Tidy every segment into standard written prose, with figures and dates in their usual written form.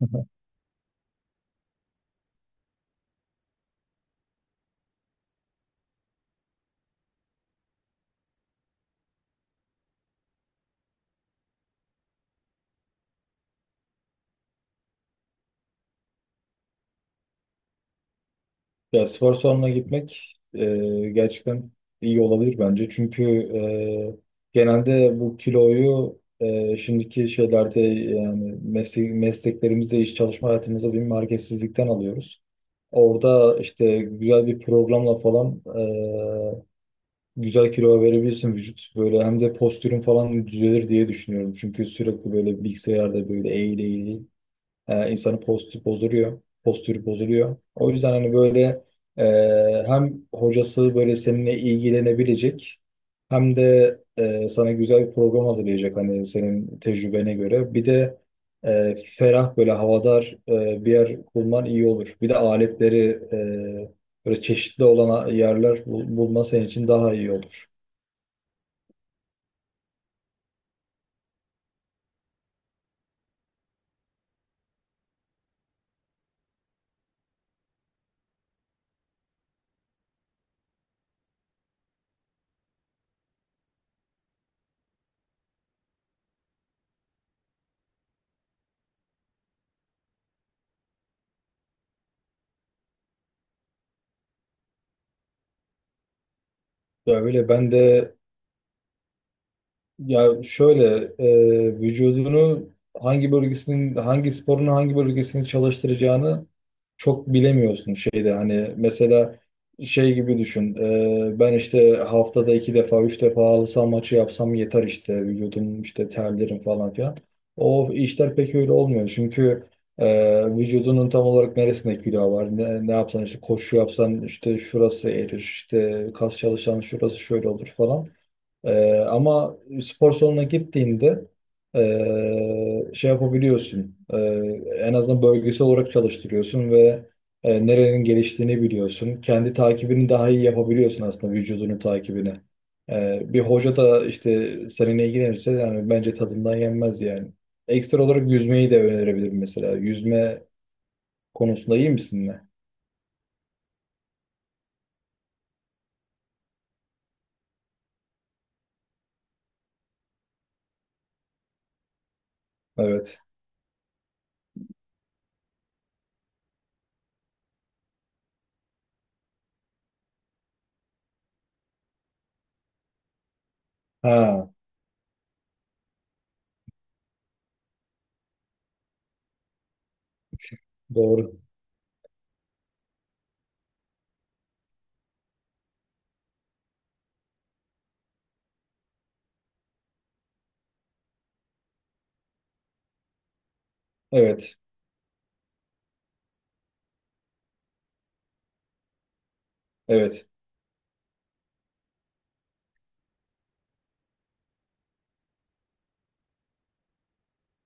Ya spor salonuna gitmek gerçekten iyi olabilir bence. Çünkü genelde bu kiloyu şimdiki şeylerde yani mesleklerimizde, iş çalışma hayatımızda bir marketsizlikten alıyoruz. Orada işte güzel bir programla falan güzel kilo verebilirsin vücut. Böyle hem de postürün falan düzelir diye düşünüyorum. Çünkü sürekli böyle bilgisayarda böyle eğil eğil, E, insanın postü bozuluyor. Postürü bozuluyor. O yüzden hani böyle e, hem hocası böyle seninle ilgilenebilecek hem de sana güzel bir program hazırlayacak hani senin tecrübene göre. Bir de ferah böyle havadar bir yer bulman iyi olur. Bir de aletleri böyle çeşitli olan yerler bulma senin için daha iyi olur. Ya öyle ben de. Ya şöyle, vücudunu hangi bölgesinin hangi sporun hangi bölgesini çalıştıracağını çok bilemiyorsun şeyde, hani mesela şey gibi düşün. Ben işte haftada 2 defa 3 defa halı saha maçı yapsam yeter, işte vücudum işte terlerim falan filan. O işler pek öyle olmuyor, çünkü vücudunun tam olarak neresinde kilo var, ne yapsan, işte koşu yapsan işte şurası erir, işte kas çalışan şurası şöyle olur falan. Ama spor salonuna gittiğinde şey yapabiliyorsun. En azından bölgesel olarak çalıştırıyorsun ve nerenin geliştiğini biliyorsun. Kendi takibini daha iyi yapabiliyorsun aslında, vücudunun takibini. Bir hoca da işte seninle ilgilenirse, yani bence tadından yenmez yani. Ekstra olarak yüzmeyi de önerebilirim mesela. Yüzme konusunda iyi misin? Evet. Ha, doğru. Evet. Evet.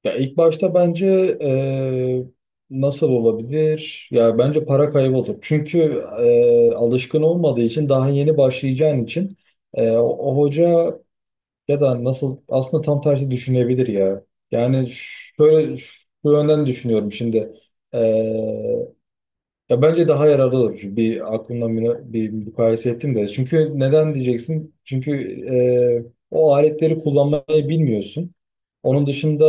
Ya ilk başta bence eee, nasıl olabilir? Ya bence para kaybı olur. Çünkü alışkın olmadığı için, daha yeni başlayacağın için, eee, o, o hoca ya da, nasıl, aslında tam tersi düşünebilir ya. Yani şöyle, şu yönden düşünüyorum şimdi. Ya bence daha yararlı olur. Çünkü bir aklımdan bir mukayese ettim de. Çünkü neden diyeceksin? Çünkü o aletleri kullanmayı bilmiyorsun. Onun dışında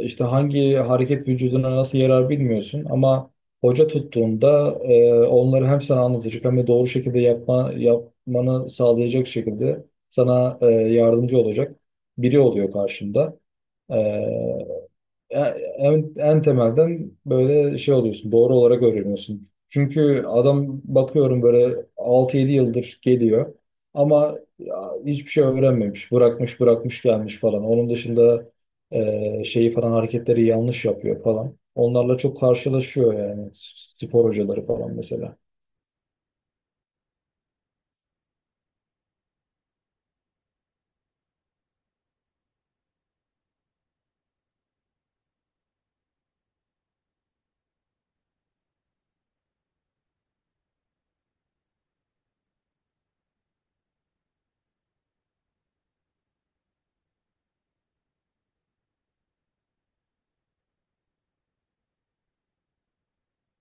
işte hangi hareket vücuduna nasıl yarar bilmiyorsun. Ama hoca tuttuğunda onları hem sana anlatacak, hem de doğru şekilde yapmanı sağlayacak şekilde sana yardımcı olacak biri oluyor karşında. E, en temelden böyle şey oluyorsun, doğru olarak öğreniyorsun. Çünkü adam bakıyorum böyle 6-7 yıldır geliyor, ama ya hiçbir şey öğrenmemiş. Bırakmış bırakmış gelmiş falan. Onun dışında şeyi falan, hareketleri yanlış yapıyor falan. Onlarla çok karşılaşıyor yani spor hocaları falan mesela.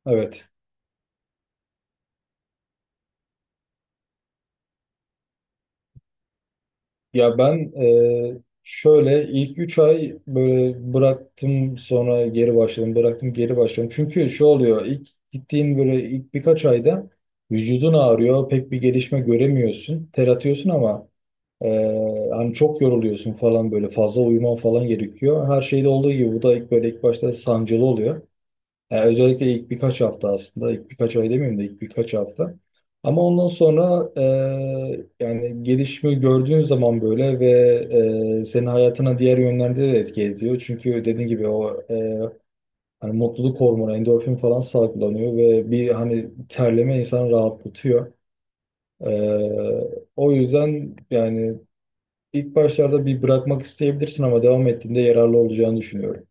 Evet. Ya ben şöyle ilk 3 ay böyle bıraktım, sonra geri başladım, bıraktım, geri başladım. Çünkü şu oluyor, ilk gittiğin böyle ilk birkaç ayda vücudun ağrıyor, pek bir gelişme göremiyorsun. Ter atıyorsun ama e, hani çok yoruluyorsun falan, böyle fazla uyuman falan gerekiyor. Her şeyde olduğu gibi bu da ilk, böyle ilk başta sancılı oluyor. Yani özellikle ilk birkaç hafta aslında, ilk birkaç ay demeyeyim de ilk birkaç hafta. Ama ondan sonra yani gelişimi gördüğün zaman böyle, ve senin hayatına diğer yönlerde de etki ediyor. Çünkü dediğin gibi o hani mutluluk hormonu, endorfin falan salgılanıyor ve bir hani terleme insanı rahatlatıyor. E, o yüzden yani, İlk başlarda bir bırakmak isteyebilirsin ama devam ettiğinde yararlı olacağını düşünüyorum.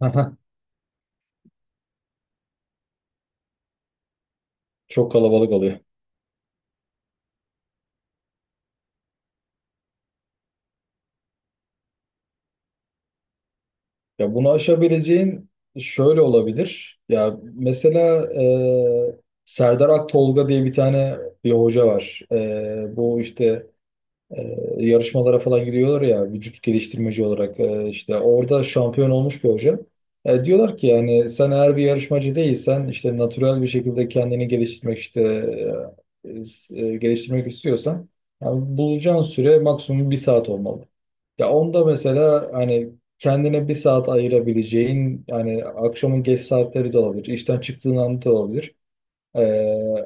Aha. Çok kalabalık oluyor. Ya bunu aşabileceğin şöyle olabilir. Ya mesela Serdar Aktolga diye bir tane bir hoca var. Bu işte yarışmalara falan gidiyorlar ya, vücut geliştirmeci olarak işte orada şampiyon olmuş bir hoca. Diyorlar ki, yani sen eğer bir yarışmacı değilsen, işte natürel bir şekilde kendini geliştirmek, işte e, geliştirmek istiyorsan yani bulacağın süre maksimum 1 saat olmalı. Ya onda mesela, hani kendine 1 saat ayırabileceğin, yani akşamın geç saatleri de olabilir, işten çıktığın anda da olabilir. E,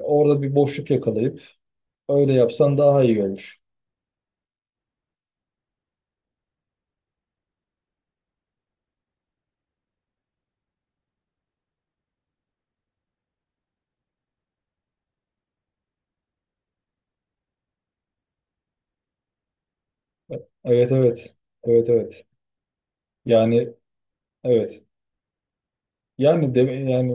orada bir boşluk yakalayıp öyle yapsan daha iyi olur. Evet, evet. Evet, evet. Yani, evet. Yani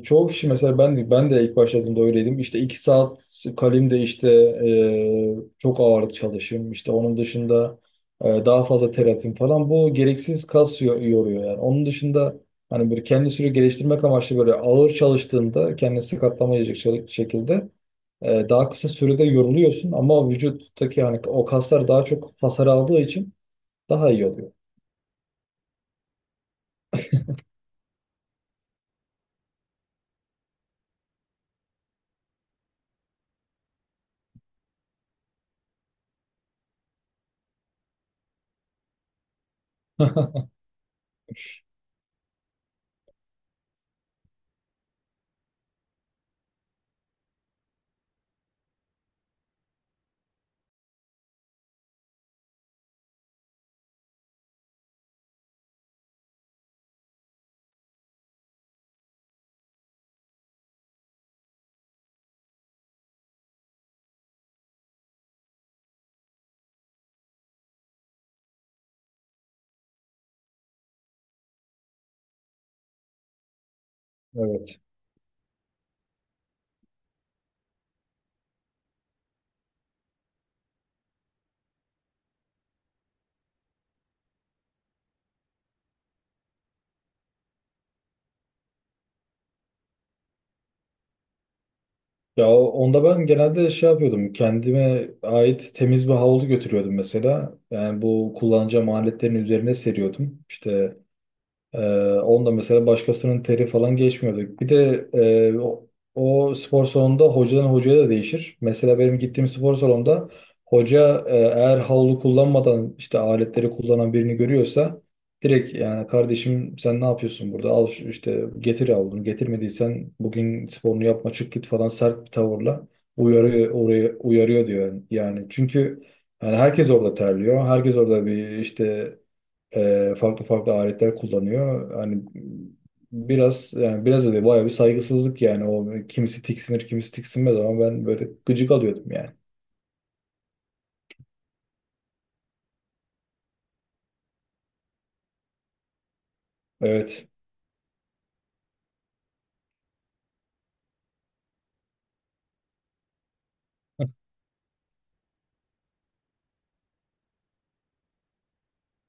çoğu kişi, mesela ben de ilk başladığımda öyleydim. İşte 2 saat kalemde işte çok ağırlık çalışayım, İşte onun dışında daha fazla ter atayım falan. Bu gereksiz kas yoruyor yani. Onun dışında hani böyle kendi sürekli geliştirmek amaçlı, böyle ağır çalıştığında kendini sakatlamayacak şekilde, daha kısa sürede yoruluyorsun ama vücuttaki hani o kaslar daha çok hasar aldığı için daha iyi oluyor. Evet. Ya onda ben genelde şey yapıyordum. Kendime ait temiz bir havlu götürüyordum mesela. Yani bu kullanacağım aletlerin üzerine seriyordum İşte Ee, onda mesela başkasının teri falan geçmiyordu. Bir de o spor salonunda hocadan hocaya da değişir. Mesela benim gittiğim spor salonunda hoca eğer havlu kullanmadan işte aletleri kullanan birini görüyorsa direkt, yani, "Kardeşim sen ne yapıyorsun burada? Al işte getir havlunu. Getirmediysen bugün sporunu yapma, çık git," falan, sert bir tavırla uyarıyor, oraya uyarıyor diyor. Yani, çünkü yani herkes orada terliyor. Herkes orada bir işte farklı farklı aletler kullanıyor. Hani biraz, yani biraz da değil, bayağı bir saygısızlık yani. O, kimisi tiksinir, kimisi tiksinmez, ama ben böyle gıcık alıyordum yani. Evet.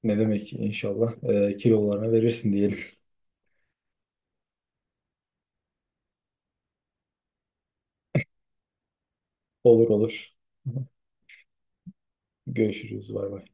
Ne demek, inşallah. Kilolarına verirsin diyelim. Olur, olur. Görüşürüz. Bay bay.